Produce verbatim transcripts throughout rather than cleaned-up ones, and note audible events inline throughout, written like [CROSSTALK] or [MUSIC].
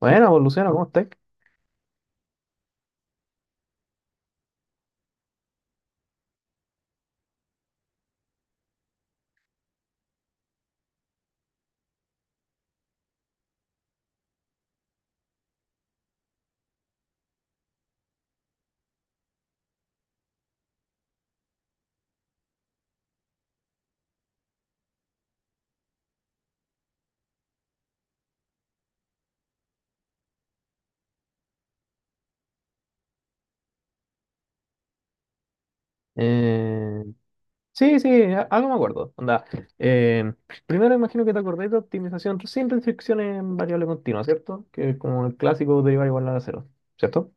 Bueno, pues, Luciano, ¿cómo estás? Eh, sí, sí, a- algo me acuerdo. Onda, eh, primero imagino que te acordás de optimización sin restricciones en variable continua, ¿cierto? Que es como el clásico derivar igual a cero, ¿cierto?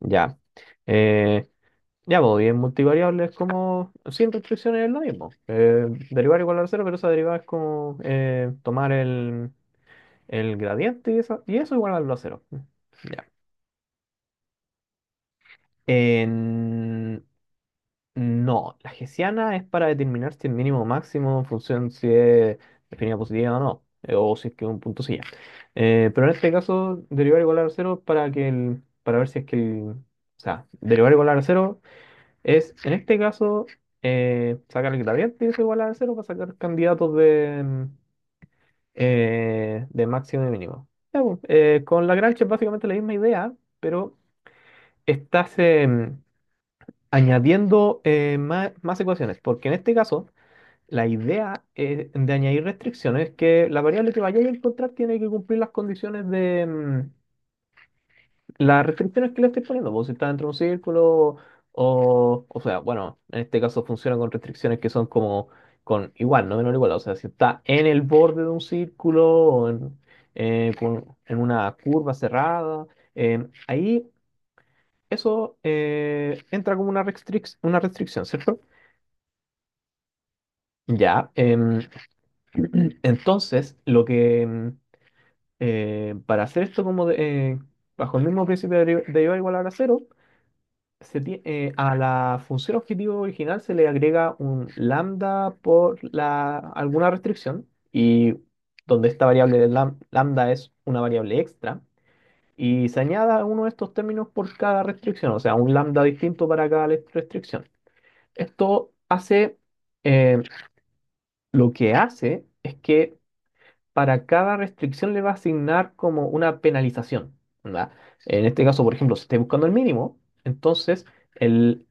Ya. Eh, ya, pues, y en multivariable es como sin restricciones es lo mismo. Eh, derivar igual a cero, pero esa derivada es como eh, tomar el, el gradiente y, esa- y eso igualarlo a cero. Ya. En- No, la hessiana es para determinar si el mínimo o máximo en función si es definida positiva o no, eh, o si es que es un punto silla. Eh, pero en este caso, derivar igual a cero para que el, para ver si es que el, o sea, derivar igual a cero es, en este caso, eh, sacar el gradiente es igual a cero para sacar candidatos de, mm, eh, de máximo y mínimo. Ya, pues, eh, con Lagrange es básicamente la misma idea, pero estás, añadiendo eh, más, más ecuaciones, porque en este caso la idea eh, de añadir restricciones es que la variable que vayáis a encontrar tiene que cumplir las condiciones de mm, las restricciones que le estáis poniendo, pues si está dentro de un círculo o, o sea, bueno, en este caso funciona con restricciones que son como con igual, no menor o igual, o sea, si está en el borde de un círculo o en, eh, con- en una curva cerrada, eh, ahí eso eh, entra como una restric- una restricción, ¿cierto? Ya, em, [CLEARS THROAT] entonces, lo que em, eh, para hacer esto como de- eh, bajo el mismo principio de deriva derivada igual a la cero, se tie- eh, a la función objetivo original se le agrega un lambda por la, alguna restricción y donde esta variable de lam- lambda es una variable extra y se añada uno de estos términos por cada restricción, o sea, un lambda distinto para cada restricción. Esto hace, em, lo que hace es que para cada restricción le va a asignar como una penalización, ¿verdad? En este caso, por ejemplo, si estoy buscando el mínimo, entonces el,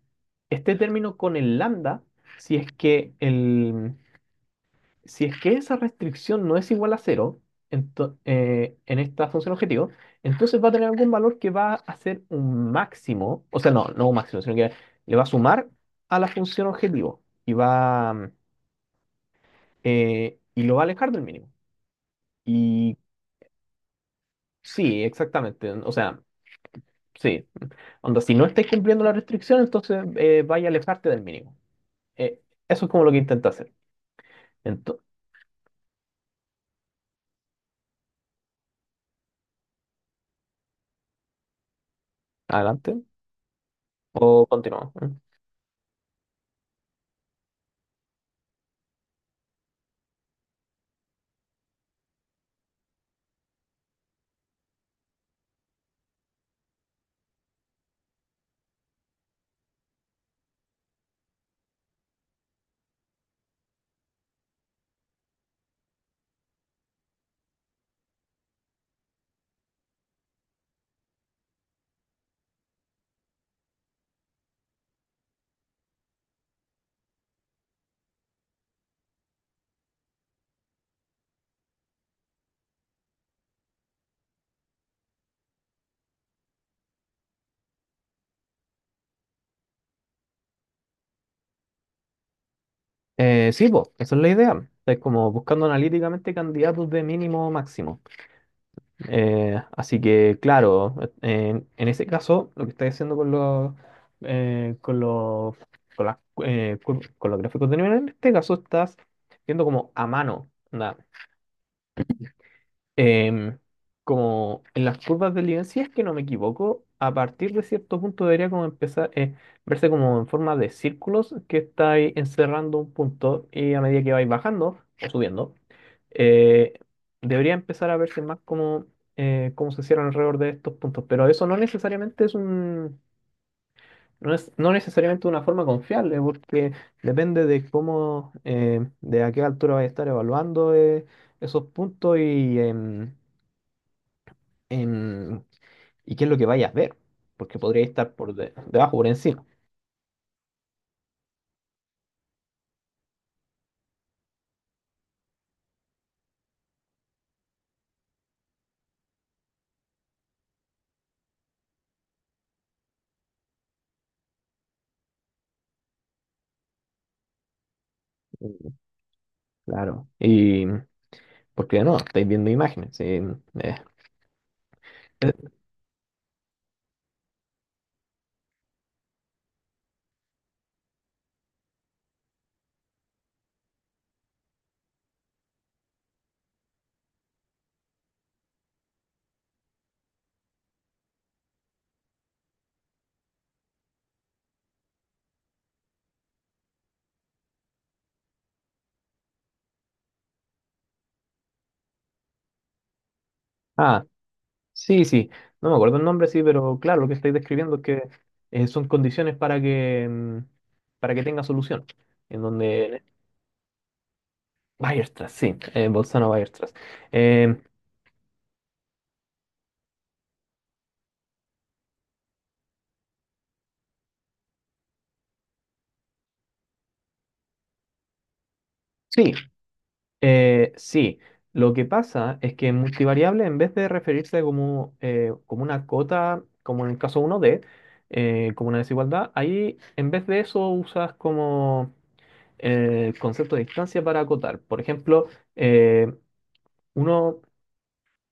este término con el lambda, si es que, el, si es que esa restricción no es igual a cero ento- eh, en esta función objetivo, entonces va a tener algún valor que va a ser un máximo, o sea, no, no un máximo, sino que le va a sumar a la función objetivo y va, mm, eh, y lo va a alejar del mínimo. Y sí, exactamente. O sea, sí. Onda, si no estáis cumpliendo la restricción, entonces eh, vaya a alejarte del mínimo. Eh, Eso es como lo que intenta hacer. Entonces, adelante. O continuamos. Eh, sí, pues, esa es la idea. Es como buscando analíticamente candidatos de mínimo o máximo. Eh, así que, claro, en, en ese caso, lo que estáis haciendo con los, eh, con los, con las, eh, cur- con los gráficos de nivel, en este caso estás viendo como a mano, ¿no? em, Como en las curvas de Lyon, si es que no me equivoco, a partir de cierto punto debería como empezar eh, verse como en forma de círculos que estáis encerrando un punto y a medida que vais bajando o subiendo, eh, debería empezar a verse más como eh, cómo se cierran alrededor de estos puntos. Pero eso no necesariamente es un, no es no necesariamente una forma confiable, porque depende de cómo, eh, de a qué altura vais a estar evaluando eh, esos puntos y em, em, y qué es lo que vayas a ver, porque podría estar por de- debajo, por encima. Mm, Claro. Y porque no, estáis viendo imágenes. Sí, eh, eh, ah, sí, sí. No me acuerdo el nombre, sí, pero claro, lo que estáis describiendo es que eh, son condiciones para que mm, para que tenga solución. En donde Weierstrass, sí, eh, Bolzano-Weierstrass. Em, sí. Eh, sí, lo que pasa es que multivariable, en vez de referirse como, eh, como una cota, como en el caso uno d eh, como una desigualdad, ahí en vez de eso usas como eh, el concepto de distancia para acotar. Por ejemplo, eh, uno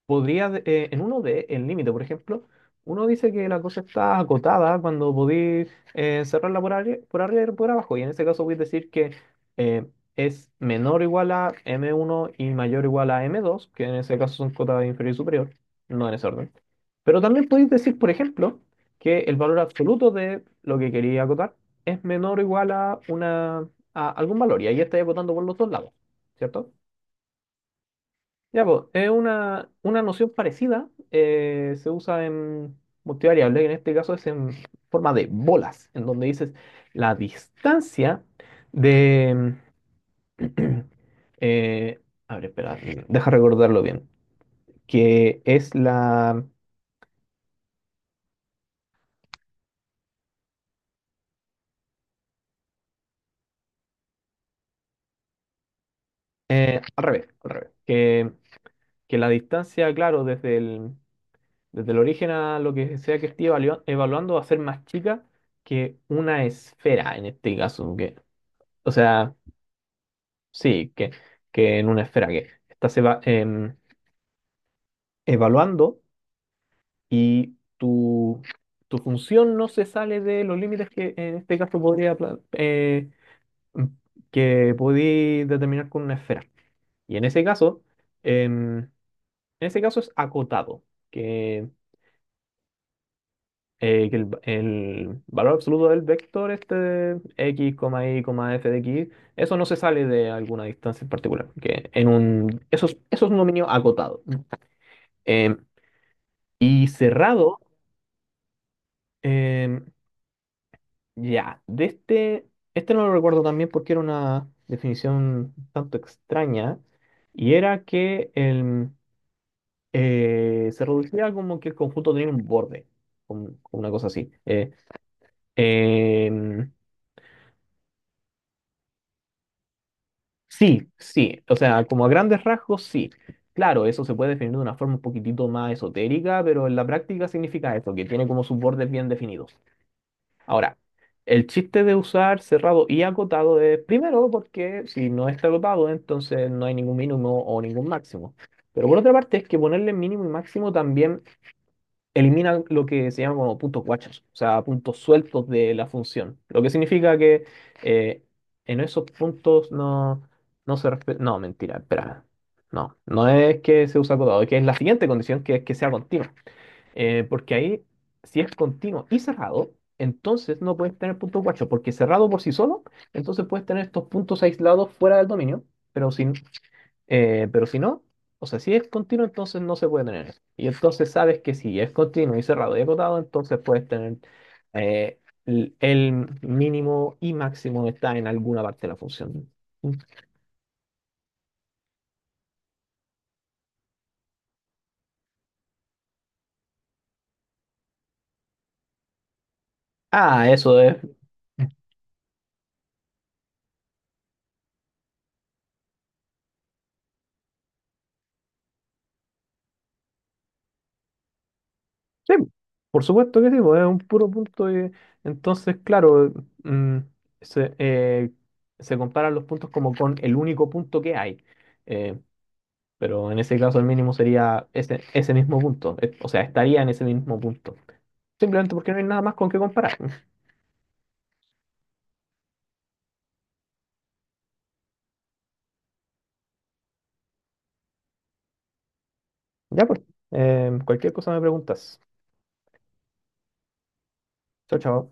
podría, de- eh, en uno de El Límite, por ejemplo, uno dice que la cosa está acotada cuando podéis eh, cerrarla por arriba, por arriba y por abajo, y en este caso voy a decir que eh, es menor o igual a m uno y mayor o igual a m dos que en ese caso son cotas inferior y superior, no en ese orden. Pero también podéis decir, por ejemplo, que el valor absoluto de lo que quería acotar es menor o igual a, una, a algún valor, y ahí estáis acotando por los dos lados, ¿cierto? Ya, pues, es una, una noción parecida, eh, se usa en multivariable, que en este caso es en forma de bolas, en donde dices la distancia de... [CLEARS THROAT] eh, a ver, espera, deja recordarlo bien, que es la... eh, al revés, al revés, que, que la distancia, claro, desde el, desde el origen a lo que sea que esté evalua- evaluando va a ser más chica que una esfera, en este caso, que, o sea... Sí, que, que en una esfera que estás eva- em, evaluando y tu, tu función no se sale de los límites que en este caso podría pla- eh, mm, que podí determinar con una esfera. Y en ese caso, em, en ese caso es acotado, que, eh, que el, el valor absoluto del vector, este x, y, f de x, eso no se sale de alguna distancia en particular, que en un, eso es, eso es un dominio acotado. Em, Y cerrado, em, ya, de este, este no lo recuerdo también porque era una definición un tanto extraña, y era que el, eh, se reducía como que el conjunto tenía un borde, un- una cosa así. Eh, em, sí, sí, o sea, como a grandes rasgos, sí. Claro, eso se puede definir de una forma un poquitito más esotérica, pero en la práctica significa esto, que tiene como sus bordes bien definidos. Ahora, el chiste de usar cerrado y acotado es primero porque si no está acotado, entonces no hay ningún mínimo o ningún máximo. Pero por otra parte es que ponerle mínimo y máximo también elimina lo que se llama como puntos guachos, o sea, puntos sueltos de la función. Lo que significa que eh, en esos puntos no, no se respeta. No, mentira, espera. No, no es que se usa acotado, es que es la siguiente condición que es que sea continuo. Eh, porque ahí, si es continuo y cerrado, entonces no puedes tener puntos guachos, porque cerrado por sí solo, entonces puedes tener estos puntos aislados fuera del dominio, pero si, eh, pero si no, o sea, si es continuo, entonces no se puede tener eso. Y entonces sabes que si es continuo y cerrado y acotado, entonces puedes tener eh, l- el mínimo y máximo está en alguna parte de la función. Ah, eso es sí, por supuesto que sí, pues, es un puro punto. de- Entonces, claro, mm, se, eh, se comparan los puntos como con el único punto que hay. Eh, pero en ese caso el mínimo sería ese, ese mismo punto. eh, O sea, estaría en ese mismo punto. Simplemente porque no hay nada más con qué comparar. [LAUGHS] Ya pues, eh, cualquier cosa me preguntas. Chao, chao.